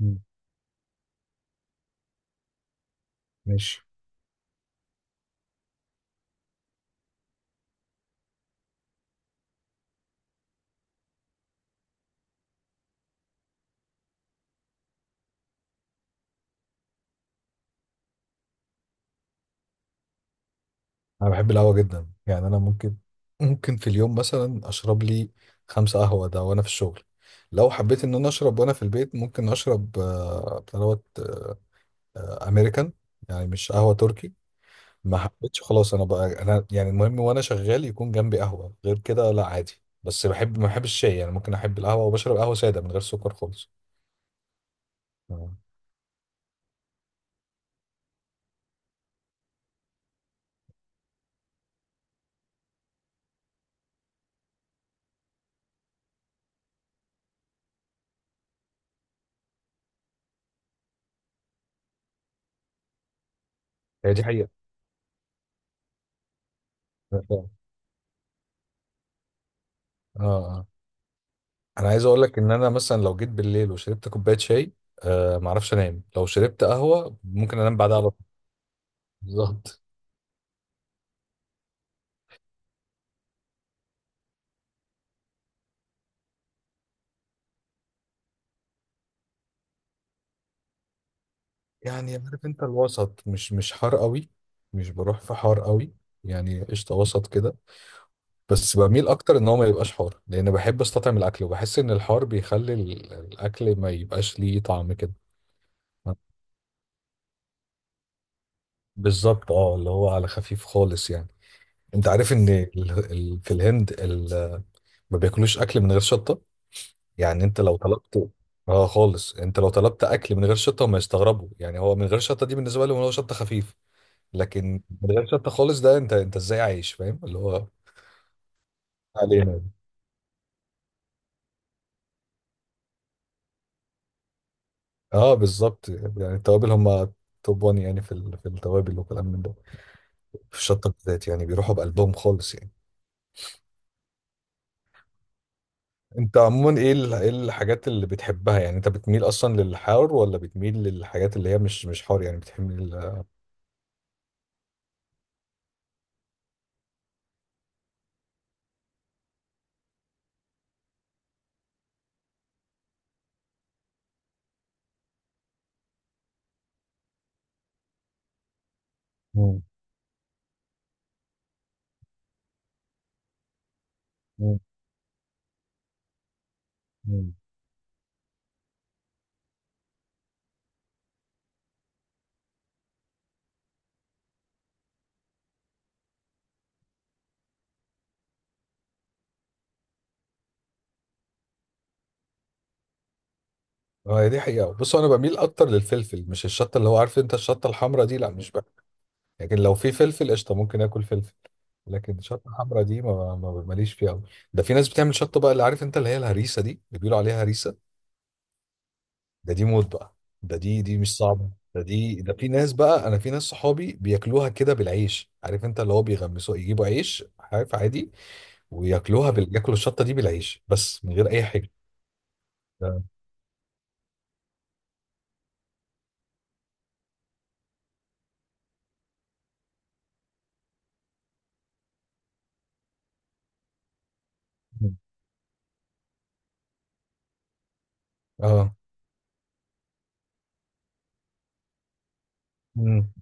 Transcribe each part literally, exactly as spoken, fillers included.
مم. ماشي. انا بحب القهوه جدا. يعني انا ممكن ممكن في اليوم مثلا اشرب لي خمسة قهوه ده وانا في الشغل. لو حبيت ان انا اشرب وانا في البيت ممكن اشرب آه، بتاع دوت، آه، آه، امريكان، يعني مش قهوة تركي. ما حبيتش خلاص انا بقى، انا يعني المهم وانا شغال يكون جنبي قهوة، غير كده لا عادي. بس بحب، ما بحبش الشاي. يعني ممكن احب القهوة وبشرب قهوة سادة من غير سكر خالص. آه، هي دي حقيقة. اه اه انا عايز اقول لك ان انا مثلا لو جيت بالليل وشربت كوبايه شاي، آه ما اعرفش انام. لو شربت قهوه ممكن انام بعدها على طول. بالظبط. يعني عارف انت الوسط، مش مش حار قوي، مش بروح في حار قوي، يعني قشطه وسط كده. بس بميل اكتر ان هو ما يبقاش حار، لان بحب استطعم الاكل وبحس ان الحار بيخلي ال- الاكل ما يبقاش ليه طعم كده. بالظبط، اه اللي هو على خفيف خالص يعني. انت عارف ان ال- ال- في الهند ال- ما بياكلوش اكل من غير شطه. يعني انت لو طلبت، اه خالص، انت لو طلبت اكل من غير شطه هم يستغربوا. يعني هو من غير شطه دي بالنسبه لهم هو شطه خفيف، لكن من غير شطه خالص ده، انت انت ازاي عايش؟ فاهم اللي هو علينا يعني. اه بالظبط، يعني التوابل هم توب واحد يعني في ال- في التوابل وكلام من ده. في الشطه بالذات يعني بيروحوا بقلبهم خالص يعني. انت عموما ايه ال- ايه الحاجات اللي بتحبها؟ يعني انت بتميل اصلا للحار، ولا بتميل للحاجات اللي هي مش مش حار؟ يعني بتحب ال- مم. مم. اه هي دي حقيقة. بص انا بميل اكتر للفلفل، مش الشطة، اللي هو عارف انت الشطة الحمراء دي لا، مش بقى. لكن لو في فلفل قشطة ممكن اكل فلفل، لكن الشطة الحمراء دي ما ما ماليش فيها قوي. ده في ناس بتعمل شطة بقى، اللي عارف انت اللي هي الهريسة دي، اللي بيقولوا عليها هريسة. ده دي موت بقى. ده دي دي مش صعبة، ده دي ده في ناس بقى، انا في ناس صحابي بياكلوها كده بالعيش، عارف انت اللي هو بيغمسوا، يجيبوا عيش عارف عادي وياكلوها بال... ياكلوا الشطة دي بالعيش بس من غير اي حاجة. ده- اه، امم،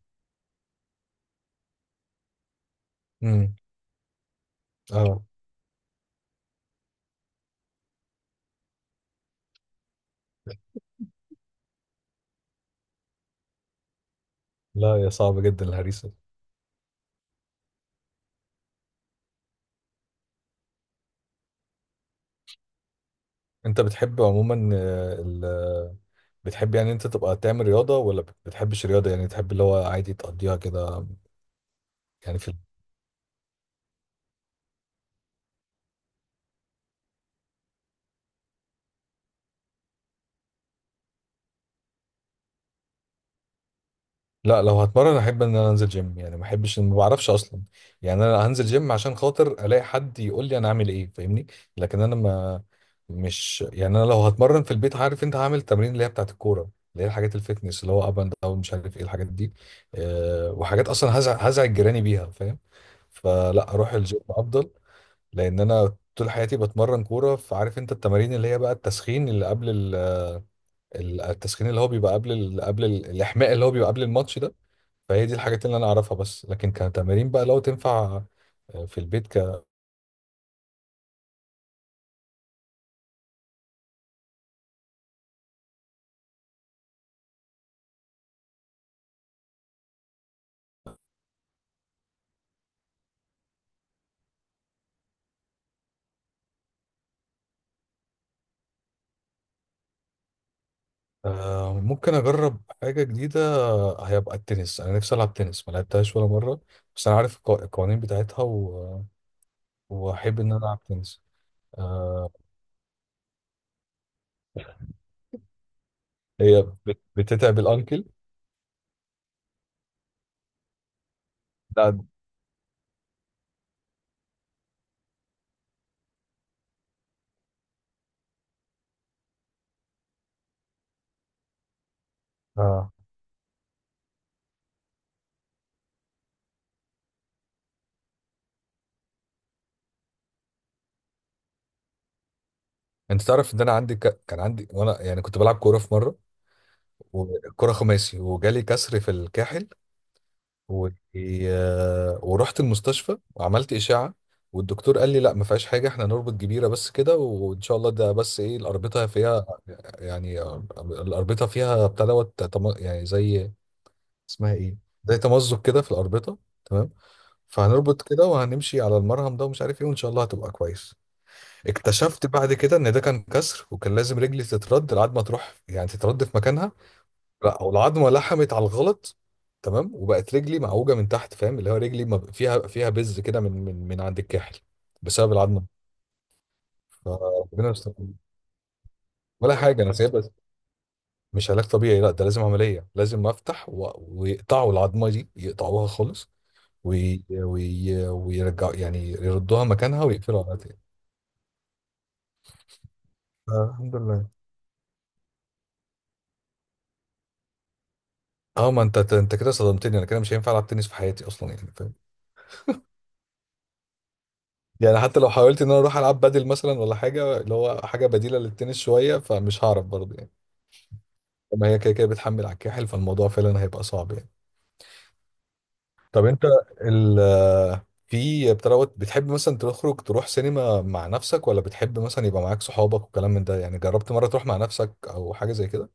امم، اه. لا يا صعبة جدا الهريسة. انت بتحب عموما آه، ال... بتحب يعني انت تبقى تعمل رياضة، ولا بت- بتحبش الرياضة؟ يعني تحب اللي هو عادي تقضيها كده؟ يعني في، لا لو هتمرن احب ان انا انزل جيم. يعني ما احبش، ما بعرفش اصلا. يعني انا هنزل جيم عشان خاطر الاقي حد يقول لي انا اعمل ايه، فاهمني؟ لكن انا ما، مش يعني، انا لو هتمرن في البيت عارف انت هعمل التمرين اللي هي بتاعت الكوره، اللي هي الحاجات الفتنس، اللي هو اب اند داون، مش عارف ايه الحاجات دي. أه وحاجات اصلا هزع هزعج جيراني بيها، فاهم؟ فلا، اروح الجيم افضل. لان انا طول حياتي بتمرن كوره، فعارف انت التمارين اللي هي بقى التسخين اللي قبل ال- ال- التسخين اللي هو بيبقى قبل ال قبل ال- الاحماء اللي هو بيبقى قبل الماتش ده. فهي دي الحاجات اللي انا اعرفها بس، لكن كتمارين بقى لو تنفع آه، في البيت ك. آه، ممكن اجرب حاجه جديده، آه، هيبقى التنس. انا نفسي العب تنس، ما لعبتهاش ولا مره، بس انا عارف القوا- القوانين بتاعتها و... واحب ان انا العب تنس. آه، هي بت- بتتعب الانكل. لا اه، انت تعرف ان انا عندي ك... كان عندي، وانا يعني كنت بلعب كوره في مره، وكره خماسي، وجالي كسر في الكاحل و... آه، ورحت المستشفى وعملت اشعه، والدكتور قال لي لا ما فيهاش حاجه، احنا نربط جبيره بس كده وان شاء الله. ده بس ايه، الاربطه فيها يعني الاربطه فيها بتلوت تم- يعني زي، اسمها ايه، زي تمزق كده في الاربطه. تمام، فهنربط كده وهنمشي على المرهم ده ومش عارف ايه، وان شاء الله هتبقى كويس. اكتشفت بعد كده ان ده كان كسر، وكان لازم رجلي تترد لحد ما تروح، يعني تترد في مكانها. لا هو العظمه لحمت على الغلط، تمام، وبقت رجلي معوجه من تحت، فاهم اللي هو رجلي ما ب- فيها، فيها بز كده من من من عند الكاحل بسبب العظمه. فربنا يستر. ولا حاجه انا سايبها. مش علاج طبيعي، لا ده لازم عمليه، لازم افتح و... ويقطعوا العظمه دي يقطعوها خالص، وي... وي... ويرجعوا يعني يردوها مكانها ويقفلوا عليها تاني. آه، الحمد لله. اه ما انت انت كده صدمتني، انا كده مش هينفع العب تنس في حياتي اصلا يعني. يعني حتى لو حاولت ان انا اروح العب بدل، مثلا ولا حاجه، اللي هو حاجه بديله للتنس شويه، فمش هعرف برضه يعني. لما هي كده كده بتحمل على الكاحل، فالموضوع فعلا هيبقى صعب يعني. طب انت ال، في بتروت بتحب مثلا تخرج تروح سينما مع نفسك، ولا بتحب مثلا يبقى معاك صحابك وكلام من ده؟ يعني جربت مره تروح مع نفسك، او حاجه زي كده؟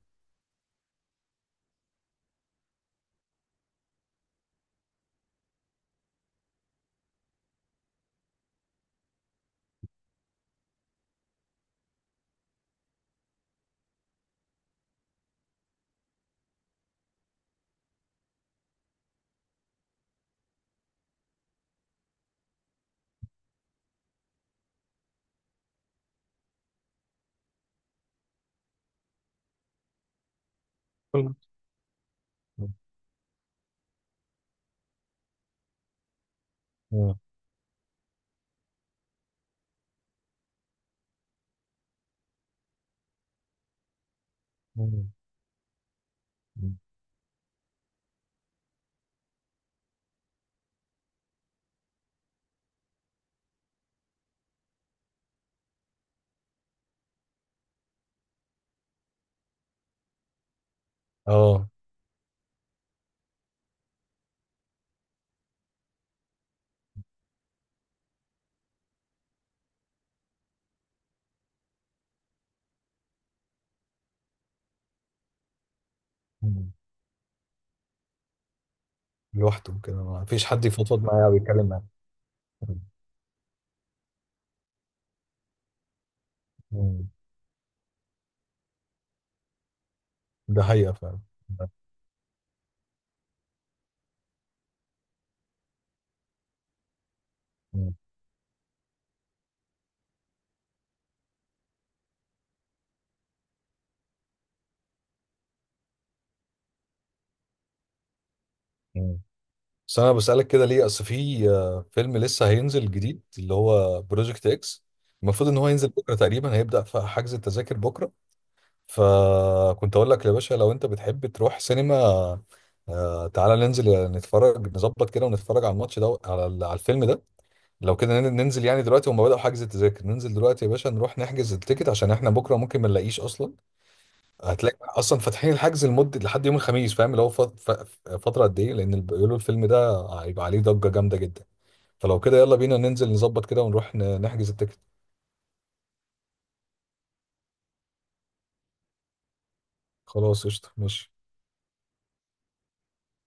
مم. مم. مم. اه مم. لوحده كده ما فيش حد يفضفض معايا او يتكلم معايا. مم. ده حقيقه فعلا. مم. بس انا بسألك كده ليه، اصل في آه، فيلم لسه هينزل جديد، اللي هو بروجكت اكس. المفروض ان هو ينزل بكره تقريبا، هيبدأ في حجز التذاكر بكره. فكنت اقول لك يا باشا، لو انت بتحب تروح سينما، آه، تعالى ننزل نتفرج، نظبط كده ونتفرج على الماتش ده، على ال- على الفيلم ده. لو كده نن- ننزل يعني دلوقتي، هم بدأوا حجز التذاكر، ننزل دلوقتي يا باشا نروح نحجز التيكت، عشان احنا بكره ممكن ما نلاقيش اصلا. هتلاقي اصلا فاتحين الحجز لمده لحد يوم الخميس، فاهم اللي هو فت- ف- فتره قد ايه، لان بيقولوا الفيلم ده هيبقى عليه ضجه جامده جدا. فلو كده يلا بينا ننزل نظبط كده ونروح ن- نحجز التيكت. خلاص قشطه ماشي.